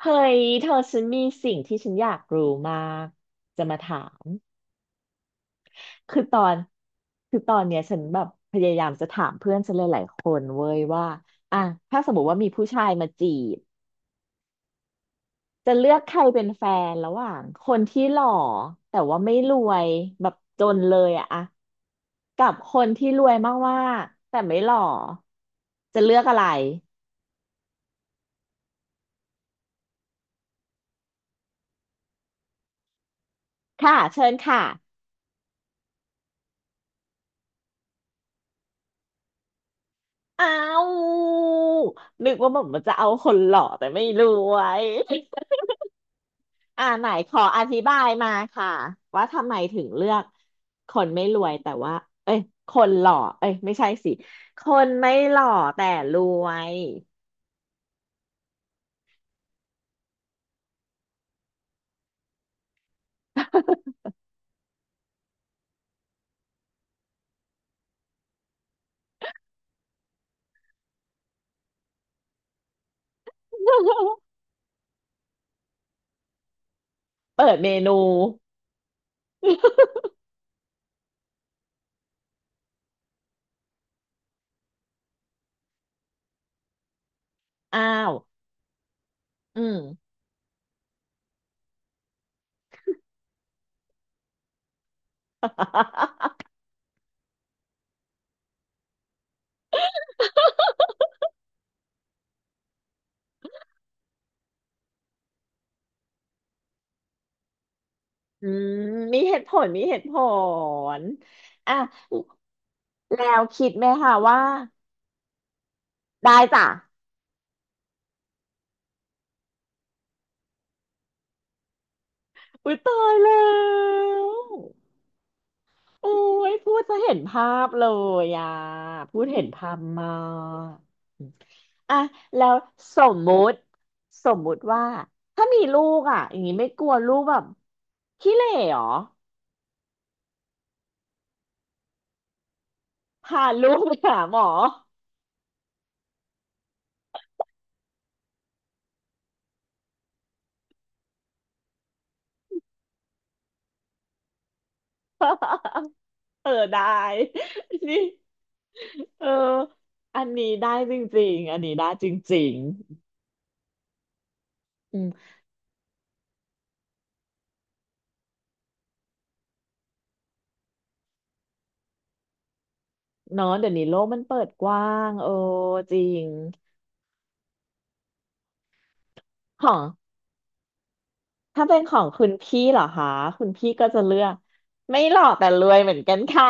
เฮ้ยเธอฉันมีสิ่งที่ฉันอยากรู้มากจะมาถามคือตอนคือตอนเนี้ยฉันแบบพยายามจะถามเพื่อนฉันหลายๆคนเว้ยว่าอ่ะถ้าสมมติว่ามีผู้ชายมาจีบจะเลือกใครเป็นแฟนระหว่างคนที่หล่อแต่ว่าไม่รวยแบบจนเลยอะอะกับคนที่รวยมากๆแต่ไม่หล่อจะเลือกอะไรค่ะเชิญค่ะ อ้าว นึกว่าผมมันจะเอาคนหล่อแต่ไม่รวย อ่าไหนขออธิบายมาค่ะว่าทำไมถึงเลือกคนไม่รวยแต่ว่าเอ้ยคนหล่อเอ้ยไม่ใช่สิคนไม่หล่อแต่รวย เปิดเมนูอ้าวอืม อืมมีเหตุผลมีเหตุผลอ่ะแล้วคิดไหมคะว่าได้จ้ะอุ้ยตายแล้ว โอ้ยพูดจะเห็นภาพเลยอ่ะพูดเห็นภาพมากอ่ะแล้วสมมุติสมมุติว่าถ้ามีลูกอ่ะอย่างนี้ไม่กลัวลูกแบบขี้เหร่หรอพาลูกไปหาหมอ เออได้นี่เอออันนี้ได้จริงๆอันนี้ได้จริงๆอืมเนาะเดี๋ยวนี้โลกมันเปิดกว้างเออจริงหรอ ถ้าเป็นของคุณพี่เหรอคะ คุณพี่ก็จะเลือกไม่หล่อแต่รวยเหมือนกันค่ะ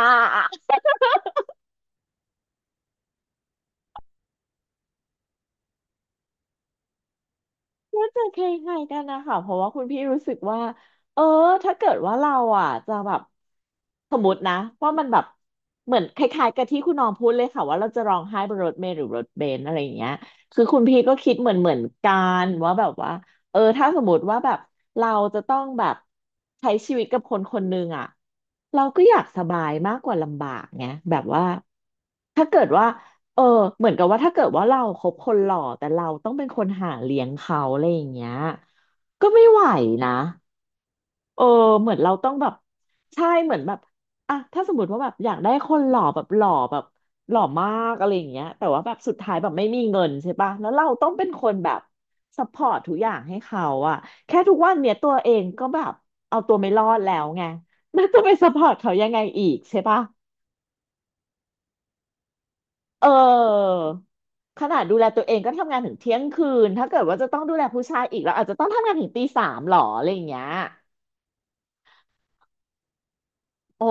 ก็จะคล้ายๆกันนะคะเพราะว่าคุณพี่รู้สึกว่าเออถ้าเกิดว่าเราอ่ะจะแบบสมมตินะว่ามันแบบเหมือนคล้ายๆกับที่คุณน้องพูดเลยค่ะว่าเราจะร้องไห้บนรถเมล์หรือรถเบนซ์อะไรอย่างเงี้ยคือคุณพี่ก็คิดเหมือนกันว่าแบบว่าเออถ้าสมมติว่าแบบเราจะต้องแบบใช้ชีวิตกับคนคนหนึ่งอ่ะ เราก็อยากสบายมากกว่าลำบากไงแบบว่าถ้าเกิดว่าเออเหมือนกับว่าถ้าเกิดว่าเราคบคนหล่อแต่เราต้องเป็นคนหาเลี้ยงเขาอะไรอย่างเงี้ยก็ไม่ไหวนะ เออเหมือนเราต้องแบบใช่เหมือนแบบอ่ะถ้าสมมติว่าแบบอยากได้คนหล่อแบบหล่อแบบหล่อมากอะไรอย่างเงี้ยแต่ว่าแบบสุดท้ายแบบไม่มีเงินใช่ปะแล้วเราต้องเป็นคนแบบซัพพอร์ตทุกอย่างให้เขาอะแค่ทุกวันเนี้ยตัวเองก็แบบเอาตัวไม่รอดแล้วไง แล้วจะไปซัพพอร์ตเขายังไงอีกใช่ปะเออขนาดดูแลตัวเองก็ทำงานถึงเที่ยงคืนถ้าเกิดว่าจะต้องดูแลผู้ชายอีกแล้วอาจจะต้องทำงานถึงตี 3หรออะไรอย่างเงี้ยโอ้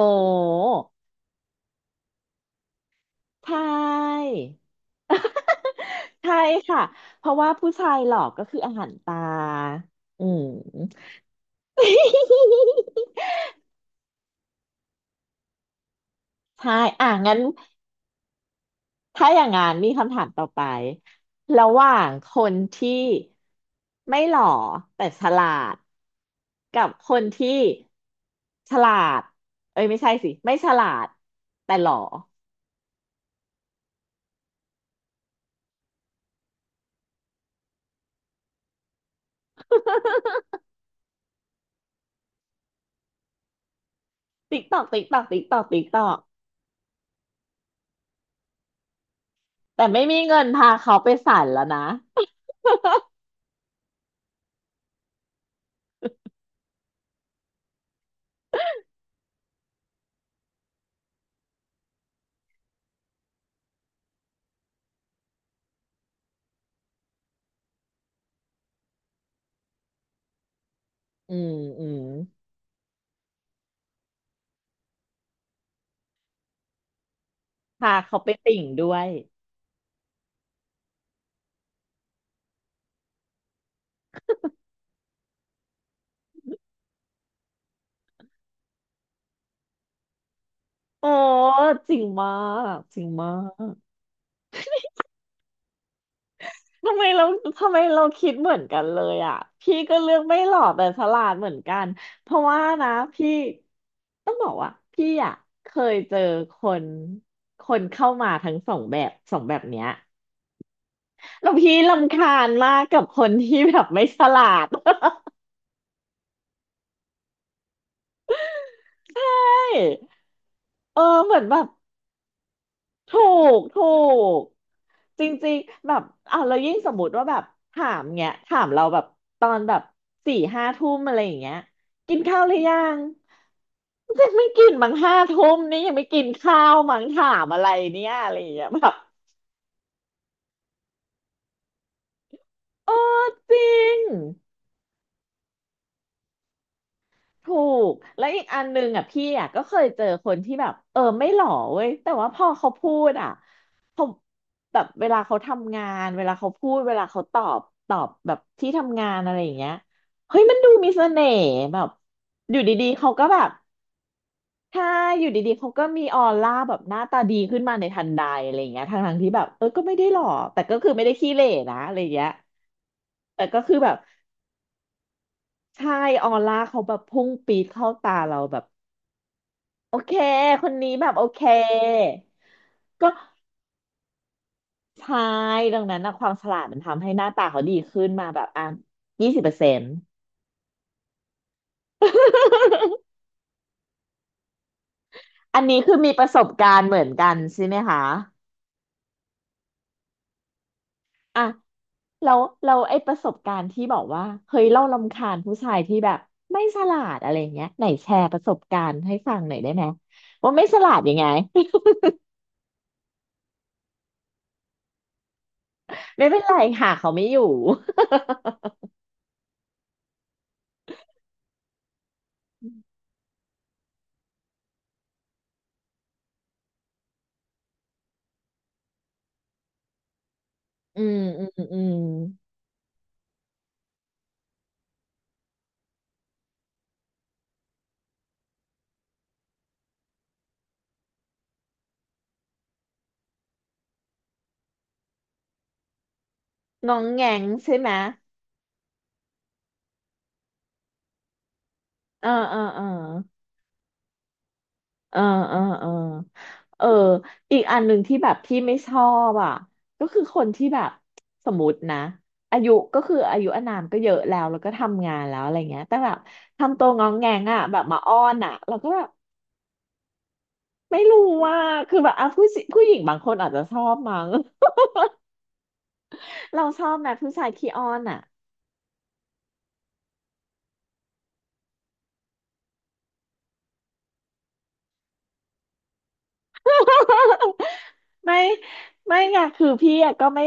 ใช่ ใช่ค่ะเพราะว่าผู้ชายหลอกก็คืออาหารตาอืมใช่อ่ะงั้นถ้าอย่างงั้นมีคำถามต่อไป ระหว่างคนที่ไม่หล่อแต่ฉลาดกับคนที่ฉลาดเอ้ยไม่ใช่สิไม่ฉลาดแต่หล่อติ๊กตอกติ๊กตอกติ๊กตอกติ๊กตอกแต่ไม่มีเงินพาเขาไปศาลแล้วนะอืมอืม ค่ะเขาเป็นติ่งด้วยโอ้จริงมากจริงมาก ทำไมเราทำไมเราคิดเหมือนกันเลยอ่ะพี่ก็เลือกไม่หล่อแต่ฉลาดเหมือนกันเพราะว่านะพี่ต้องบอกว่าพี่อ่ะเคยเจอคนคนเข้ามาทั้งสองแบบเนี้ยแล้วพี่รำคาญมากกับคนที่แบบไม่ฉลาด ใช่เออเหมือนแบบถูกถูก จริงๆแบบอ่ะเรายิ่งสมมติว่าแบบถามเงี้ยถามเราแบบตอนแบบสี่ห้าทุ่มอะไรอย่างเงี้ยกินข้าวหรือยังยังไม่กินมั้งห้าทุ่มนี่ยังไม่กินข้าวมั้งถามอะไรเนี่ยอะไรอย่างเงี้ยแบบเออจริง ถูกแล้วอีกอันหนึงอ่ะพี่อ่ะก็เคยเจอคนที่แบบเออไม่หล่อเว้ยแต่ว่าพอเขาพูดอ่ะเขาแบบเวลาเขาทำงานเวลาเขาพูดเวลาเขาตอบตอบแบบที่ทำงานอะไรอย่างเงี้ยเฮ้ยมันดูมีเสน่ห์แบบอยู่ดีๆเขาก็แบบใช่อยู่ดีๆเขาก็มีออร่าแบบหน้าตาดีขึ้นมาในทันใดอะไรอย่างเงี้ยทั้งๆที่แบบเออก็ไม่ได้หล่อแต่ก็คือไม่ได้ขี้เหร่นะอะไรอย่างเงี้ยแต่ก็คือแบบใช่ออร่าเขาแบบพุ่งปีดเข้าตาเราแบบ โอเค คนนี้แบบโอเค ก็ใช่ดังนั้นนะความฉลาดมันทำให้หน้าตาเขาดีขึ้นมาแบบอ่ะ20%อันนี้คือมีประสบการณ์เหมือนกันใช่ไหมคะอ่ะเราเราไอ้ประสบการณ์ที่บอกว่าเฮ้ยเรารำคาญผู้ชายที่แบบไม่ฉลาดอะไรเงี้ยไหนแชร์ประสบการณ์ให้ฟังหน่อยได้ไหมว่าไม่ฉลาดยังไง ไม่เป็นไรค่ะเขาไม่อยู่ อืมอืมอืมน้องแงงใช่ไหมเออเออเออ เออเออเออเอออีกอันหนึ่งที่แบบพี่ไม่ชอบอ่ะก็คือคนที่แบบสมมตินะอายุก็คืออายุอานามก็เยอะแล้วแล้วก็ทำงานแล้วอะไรเงี้ยแต่แบบทำตัวงองแงงอ่ะแบบมาอ้อนอ่ะเราก็แบบไม่รู้ว่าคือแบบอ่ะผู้สิผู้หญิงบางคนอาจจะชอบมั้ง เราชอบนะผู้ชายขี้อ้อนอ่ะ ไม่ไม่ไงคือพี่อะก็ไม่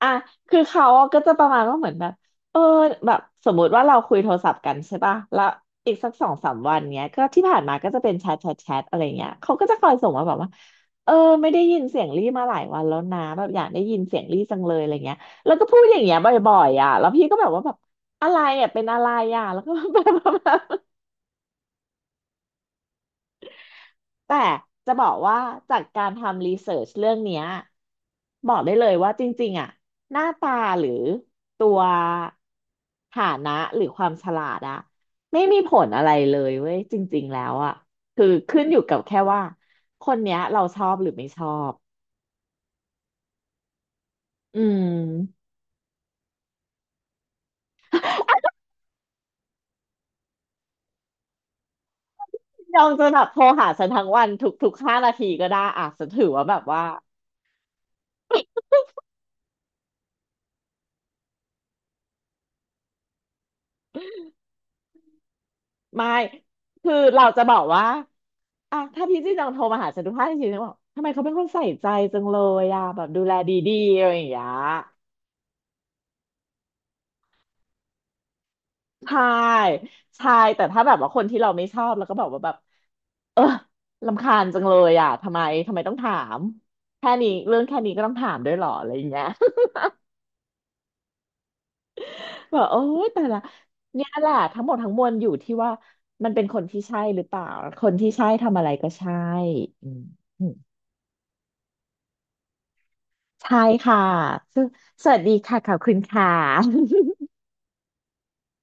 อ่ะคือเขาอะก็จะประมาณว่าเหมือนแบบเออแบบสมมุติว่าเราคุยโทรศัพท์กันใช่ป่ะแล้วอีกสักสองสามวันเนี้ยก็ที่ผ่านมาก็จะเป็นแชทอะไรเงี้ยเขาก็จะคอยส่งมาแบบว่าเออไม่ได้ยินเสียงรี่มาหลายวันแล้วนะแบบอยากได้ยินเสียงรี่จังเลยอะไรเงี้ยแล้วก็พูดอย่างเงี้ยบ่อยๆอ่ะแล้วพี่ก็แบบว่าแบบอะไรอ่ะเป็นอะไรอ่ะแล้วก็แบบ แต่จะบอกว่าจากการทำรีเสิร์ชเรื่องเนี้ยบอกได้เลยว่าจริงๆอ่ะหน้าตาหรือตัวฐานะหรือความฉลาดอ่ะไม่มีผลอะไรเลยเว้ยจริงๆแล้วอ่ะคือขึ้นอยู่กับแค่ว่าคนเนี้ยเราชอบหรือไม่ชอบอืมยองจะแบบโทรหาฉันทั้งวันทุก5 นาทีก็ได้อ่ะฉันถือว่าแบบว่า ไม่คือเราจะบอกว่า อ่ะถ้าพี่จี้จังโทรมาหาฉันทุกท่าทีฉันบอกทำไมเขาเป็นคนใส่ใจจังเลยอ่ะแบบดูแลดีๆอะไรอย่างเงี้ยใช่ใช่แต่ถ้าแบบว่าคนที่เราไม่ชอบแล้วก็บอกว่าแบบเออรำคาญจังเลยอ่ะทำไมต้องถามแค่นี้เรื่องแค่นี้ก็ต้องถามด้วยเหรออะไรอย่างเงี้ย แบอกโอ๊ยแต่ละเนี่ยแหละทั้งหมดทั้งมวลอยู่ที่ว่ามันเป็นคนที่ใช่หรือเปล่าคนที่ใช่ทำอะไรก็ใช่อืมอืมใช่ค่ะซึ่งสวัสดีค่ะขอบคุณค่ะ